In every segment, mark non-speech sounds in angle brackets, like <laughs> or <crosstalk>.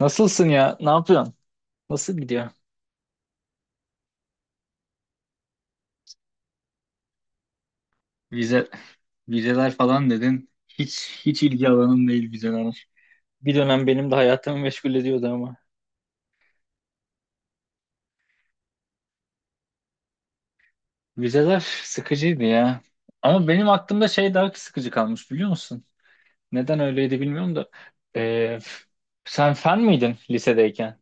Nasılsın ya? Ne yapıyorsun? Nasıl gidiyor? Vize, vizeler falan dedin. Hiç ilgi alanım değil vizeler. Bir dönem benim de hayatımı meşgul ediyordu ama. Vizeler sıkıcıydı ya. Ama benim aklımda şey daha sıkıcı kalmış biliyor musun? Neden öyleydi bilmiyorum da. Ee, sen fen miydin lisedeyken?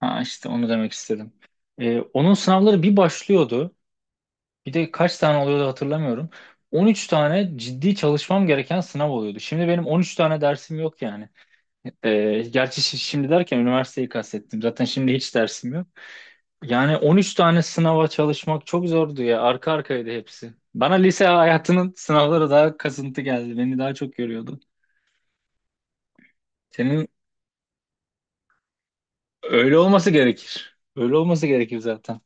Ha, işte onu demek istedim. Onun sınavları bir başlıyordu. Bir de kaç tane oluyordu hatırlamıyorum. 13 tane ciddi çalışmam gereken sınav oluyordu. Şimdi benim 13 tane dersim yok yani. Gerçi şimdi derken üniversiteyi kastettim. Zaten şimdi hiç dersim yok. Yani 13 tane sınava çalışmak çok zordu ya. Arka arkaydı hepsi. Bana lise hayatının sınavları daha kasıntı geldi. Beni daha çok yoruyordu. Senin öyle olması gerekir. Öyle olması gerekir zaten.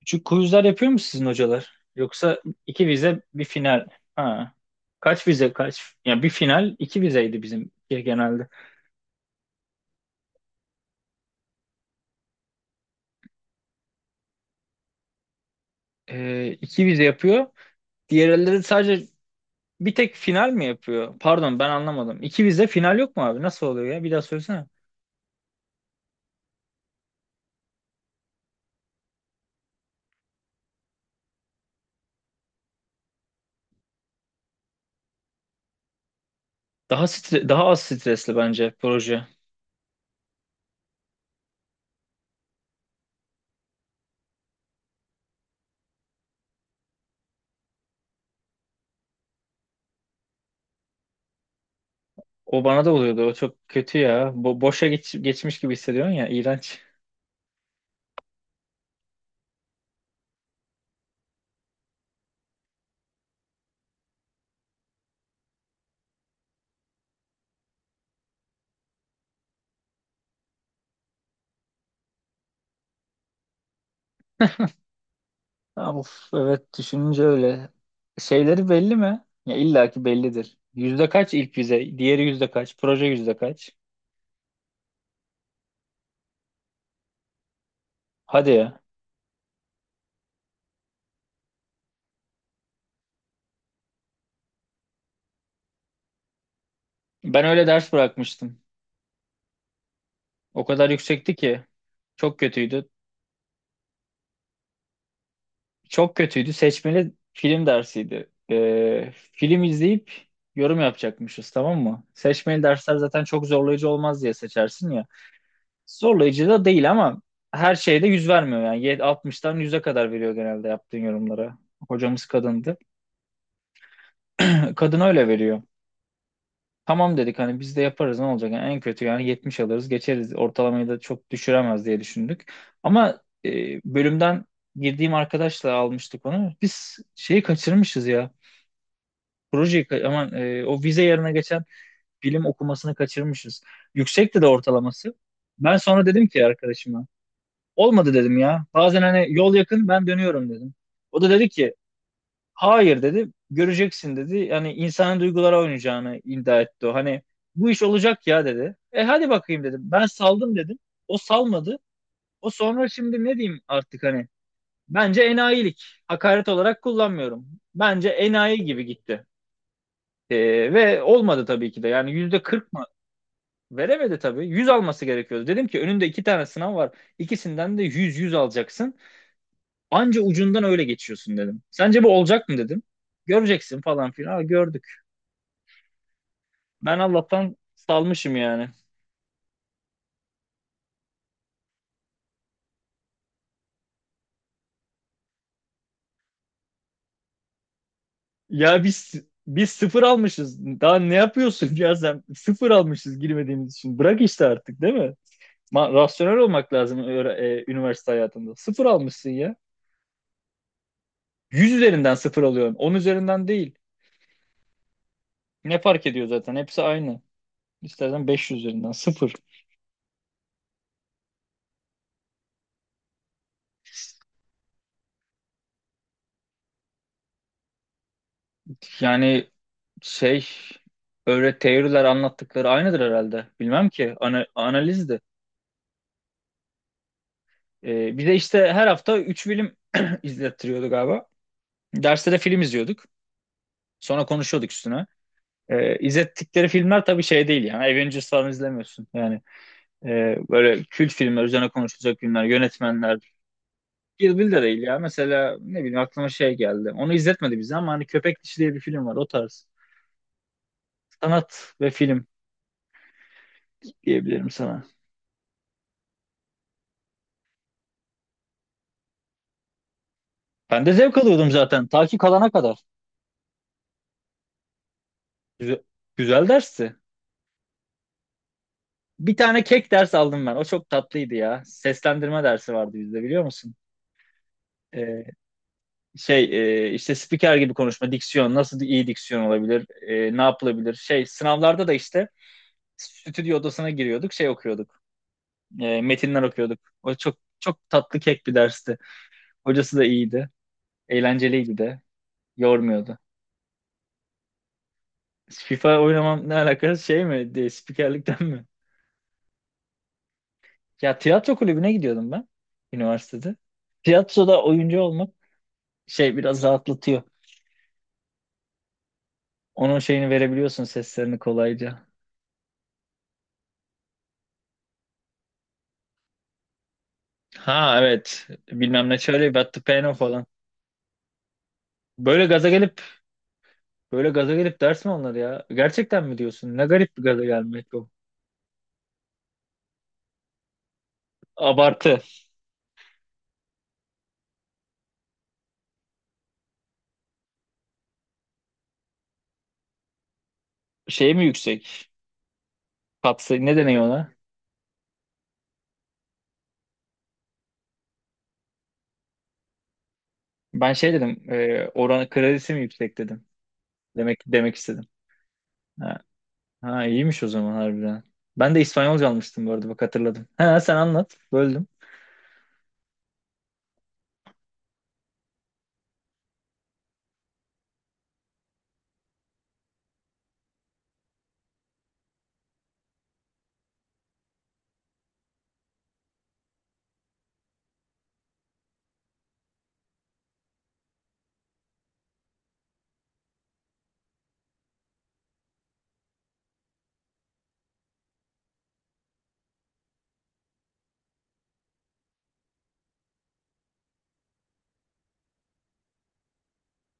Küçük quizler yapıyor mu sizin hocalar? Yoksa iki vize bir final. Ha. Kaç vize kaç? Ya bir final iki vizeydi bizim genelde. İki vize yapıyor. Diğerleri sadece bir tek final mi yapıyor? Pardon ben anlamadım. İki vize final yok mu abi? Nasıl oluyor ya? Bir daha söylesene. Daha az stresli bence proje. O bana da oluyordu. O çok kötü ya. Boşa geçmiş gibi hissediyorsun ya. İğrenç. Ya of, evet, düşününce öyle. Şeyleri belli mi? Ya illa ki bellidir. Yüzde kaç ilk vize? Diğeri yüzde kaç? Proje yüzde kaç? Hadi ya. Ben öyle ders bırakmıştım. O kadar yüksekti ki. Çok kötüydü. Çok kötüydü. Seçmeli film dersiydi. Film izleyip yorum yapacakmışız, tamam mı? Seçmeli dersler zaten çok zorlayıcı olmaz diye seçersin ya. Zorlayıcı da değil ama her şeyde yüz vermiyor yani. 60'tan 100'e kadar veriyor genelde yaptığın yorumlara. Hocamız kadındı. <laughs> Kadın öyle veriyor. Tamam dedik hani, biz de yaparız ne olacak? Yani en kötü yani 70 alırız geçeriz. Ortalamayı da çok düşüremez diye düşündük. Ama bölümden girdiğim arkadaşla almıştık onu. Biz şeyi kaçırmışız ya. Projeyi, aman o vize yerine geçen bilim okumasını kaçırmışız. Yüksekti de ortalaması. Ben sonra dedim ki arkadaşıma, olmadı dedim ya. Bazen hani yol yakın, ben dönüyorum dedim. O da dedi ki hayır dedi, göreceksin dedi. Yani insanın duygulara oynayacağını iddia etti o. Hani bu iş olacak ya dedi. E hadi bakayım dedim. Ben saldım dedim. O salmadı. O sonra şimdi ne diyeyim artık hani. Bence enayilik. Hakaret olarak kullanmıyorum. Bence enayi gibi gitti. Ve olmadı tabii ki de. Yani %40 mı? Veremedi tabii. 100 alması gerekiyordu. Dedim ki önünde iki tane sınav var. İkisinden de yüz yüz alacaksın. Anca ucundan öyle geçiyorsun dedim. Sence bu olacak mı dedim. Göreceksin falan filan. Ha, gördük. Ben Allah'tan salmışım yani. Ya biz sıfır almışız. Daha ne yapıyorsun ya sen? Sıfır almışız girmediğimiz için. Bırak işte artık, değil mi? Rasyonel olmak lazım üniversite hayatında. Sıfır almışsın ya. 100 üzerinden sıfır alıyorsun, 10 üzerinden değil. Ne fark ediyor zaten? Hepsi aynı. İstersen 500 üzerinden sıfır. Yani şey, öyle teoriler anlattıkları aynıdır herhalde. Bilmem ki analizdi. Bir de işte her hafta 3 film <clears throat> izlettiriyordu galiba. Derste de film izliyorduk. Sonra konuşuyorduk üstüne. İzlettikleri filmler tabii şey değil yani. Avengers falan izlemiyorsun. Yani böyle kült filmler, üzerine konuşulacak filmler, yönetmenler. Kill Bill de değil ya. Mesela ne bileyim, aklıma şey geldi. Onu izletmedi bize ama hani Köpek Dişi diye bir film var, o tarz. Sanat ve film diyebilirim sana. Ben de zevk alıyordum zaten. Ta ki kalana kadar. Güzel, güzel dersti. Bir tane kek ders aldım ben. O çok tatlıydı ya. Seslendirme dersi vardı bizde, biliyor musun? Ee, şey, işte spiker gibi konuşma, diksiyon. Nasıl iyi diksiyon olabilir? Ne yapılabilir? Şey, sınavlarda da işte stüdyo odasına giriyorduk. Şey okuyorduk. Metinler okuyorduk. O çok çok tatlı, kek bir dersti. Hocası da iyiydi. Eğlenceliydi de. Yormuyordu. FIFA oynamam ne alakası, şey mi? De, spikerlikten mi? Ya tiyatro kulübüne gidiyordum ben üniversitede. Tiyatroda oyuncu olmak şey, biraz rahatlatıyor. Onun şeyini verebiliyorsun, seslerini kolayca. Ha evet. Bilmem ne çalıyor, battı. Peno falan. Böyle gaza gelip böyle gaza gelip ders mi onlar ya? Gerçekten mi diyorsun? Ne garip bir gaza gelmek o. Abartı. Şey mi yüksek? Kapsayı ne deniyor ona? Ben şey dedim. Oranı kredisi mi yüksek dedim. Demek istedim. Ha, iyiymiş o zaman harbiden. Ben de İspanyolca almıştım bu arada, bak hatırladım. Ha sen anlat, böldüm.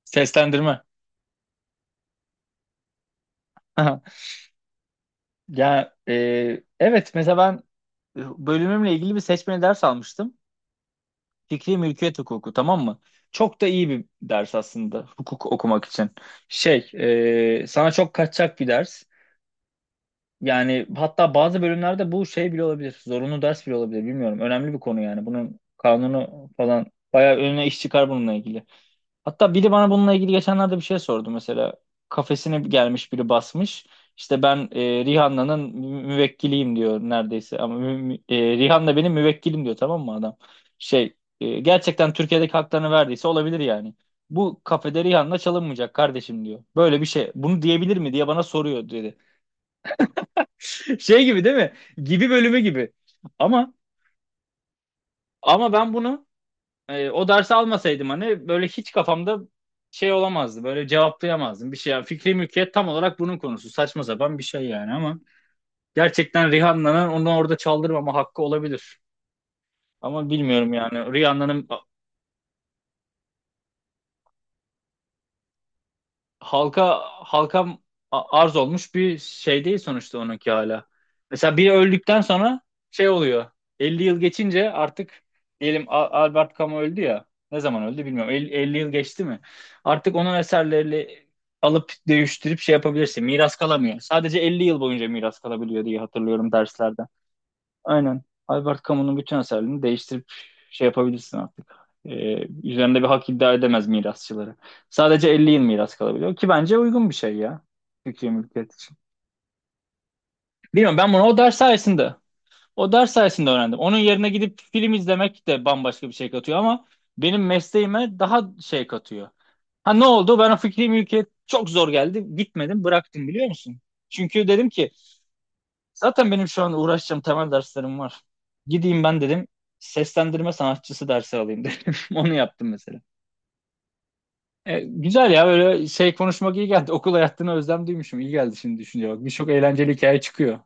Seslendirme. <laughs> Ya evet, mesela ben bölümümle ilgili bir seçmeli ders almıştım. Fikri mülkiyet hukuku, tamam mı? Çok da iyi bir ders aslında hukuk okumak için. Şey, sana çok kaçacak bir ders. Yani hatta bazı bölümlerde bu şey bile olabilir. Zorunlu ders bile olabilir bilmiyorum. Önemli bir konu yani. Bunun kanunu falan, bayağı önüne iş çıkar bununla ilgili. Hatta biri bana bununla ilgili geçenlerde bir şey sordu mesela. Kafesine gelmiş biri basmış. İşte ben Rihanna'nın müvekkiliyim diyor neredeyse. Ama Rihanna benim müvekkilim diyor, tamam mı adam? Şey, gerçekten Türkiye'deki haklarını verdiyse olabilir yani. Bu kafede Rihanna çalınmayacak kardeşim diyor. Böyle bir şey. Bunu diyebilir mi diye bana soruyor dedi. <laughs> Şey gibi değil mi? Gibi bölümü gibi. Ama ama ben bunu, o dersi almasaydım hani böyle hiç kafamda şey olamazdı. Böyle cevaplayamazdım bir şey. Yani fikri mülkiyet tam olarak bunun konusu. Saçma sapan bir şey yani ama gerçekten Rihanna'nın onu orada çaldırmama hakkı olabilir. Ama bilmiyorum yani. Rihanna'nın halka arz olmuş bir şey değil sonuçta, onunki hala. Mesela biri öldükten sonra şey oluyor. 50 yıl geçince artık, diyelim Albert Camus öldü ya. Ne zaman öldü bilmiyorum. 50, 50 yıl geçti mi? Artık onun eserlerini alıp değiştirip şey yapabilirsin. Miras kalamıyor. Sadece 50 yıl boyunca miras kalabiliyor diye hatırlıyorum derslerde. Aynen. Albert Camus'un bütün eserlerini değiştirip şey yapabilirsin artık. Üzerinde bir hak iddia edemez mirasçıları. Sadece 50 yıl miras kalabiliyor ki bence uygun bir şey ya. Türkiye mülkiyet için. Bilmiyorum, ben bunu o ders sayesinde öğrendim. Onun yerine gidip film izlemek de bambaşka bir şey katıyor ama benim mesleğime daha şey katıyor. Ha, ne oldu? Ben o fikri mülkiyet çok zor geldi. Gitmedim, bıraktım biliyor musun? Çünkü dedim ki zaten benim şu an uğraşacağım temel derslerim var. Gideyim ben dedim, seslendirme sanatçısı dersi alayım dedim. <laughs> Onu yaptım mesela. Güzel ya, böyle şey konuşmak iyi geldi. <laughs> Okul hayatına özlem duymuşum. İyi geldi şimdi düşünce bak. Birçok eğlenceli hikaye çıkıyor.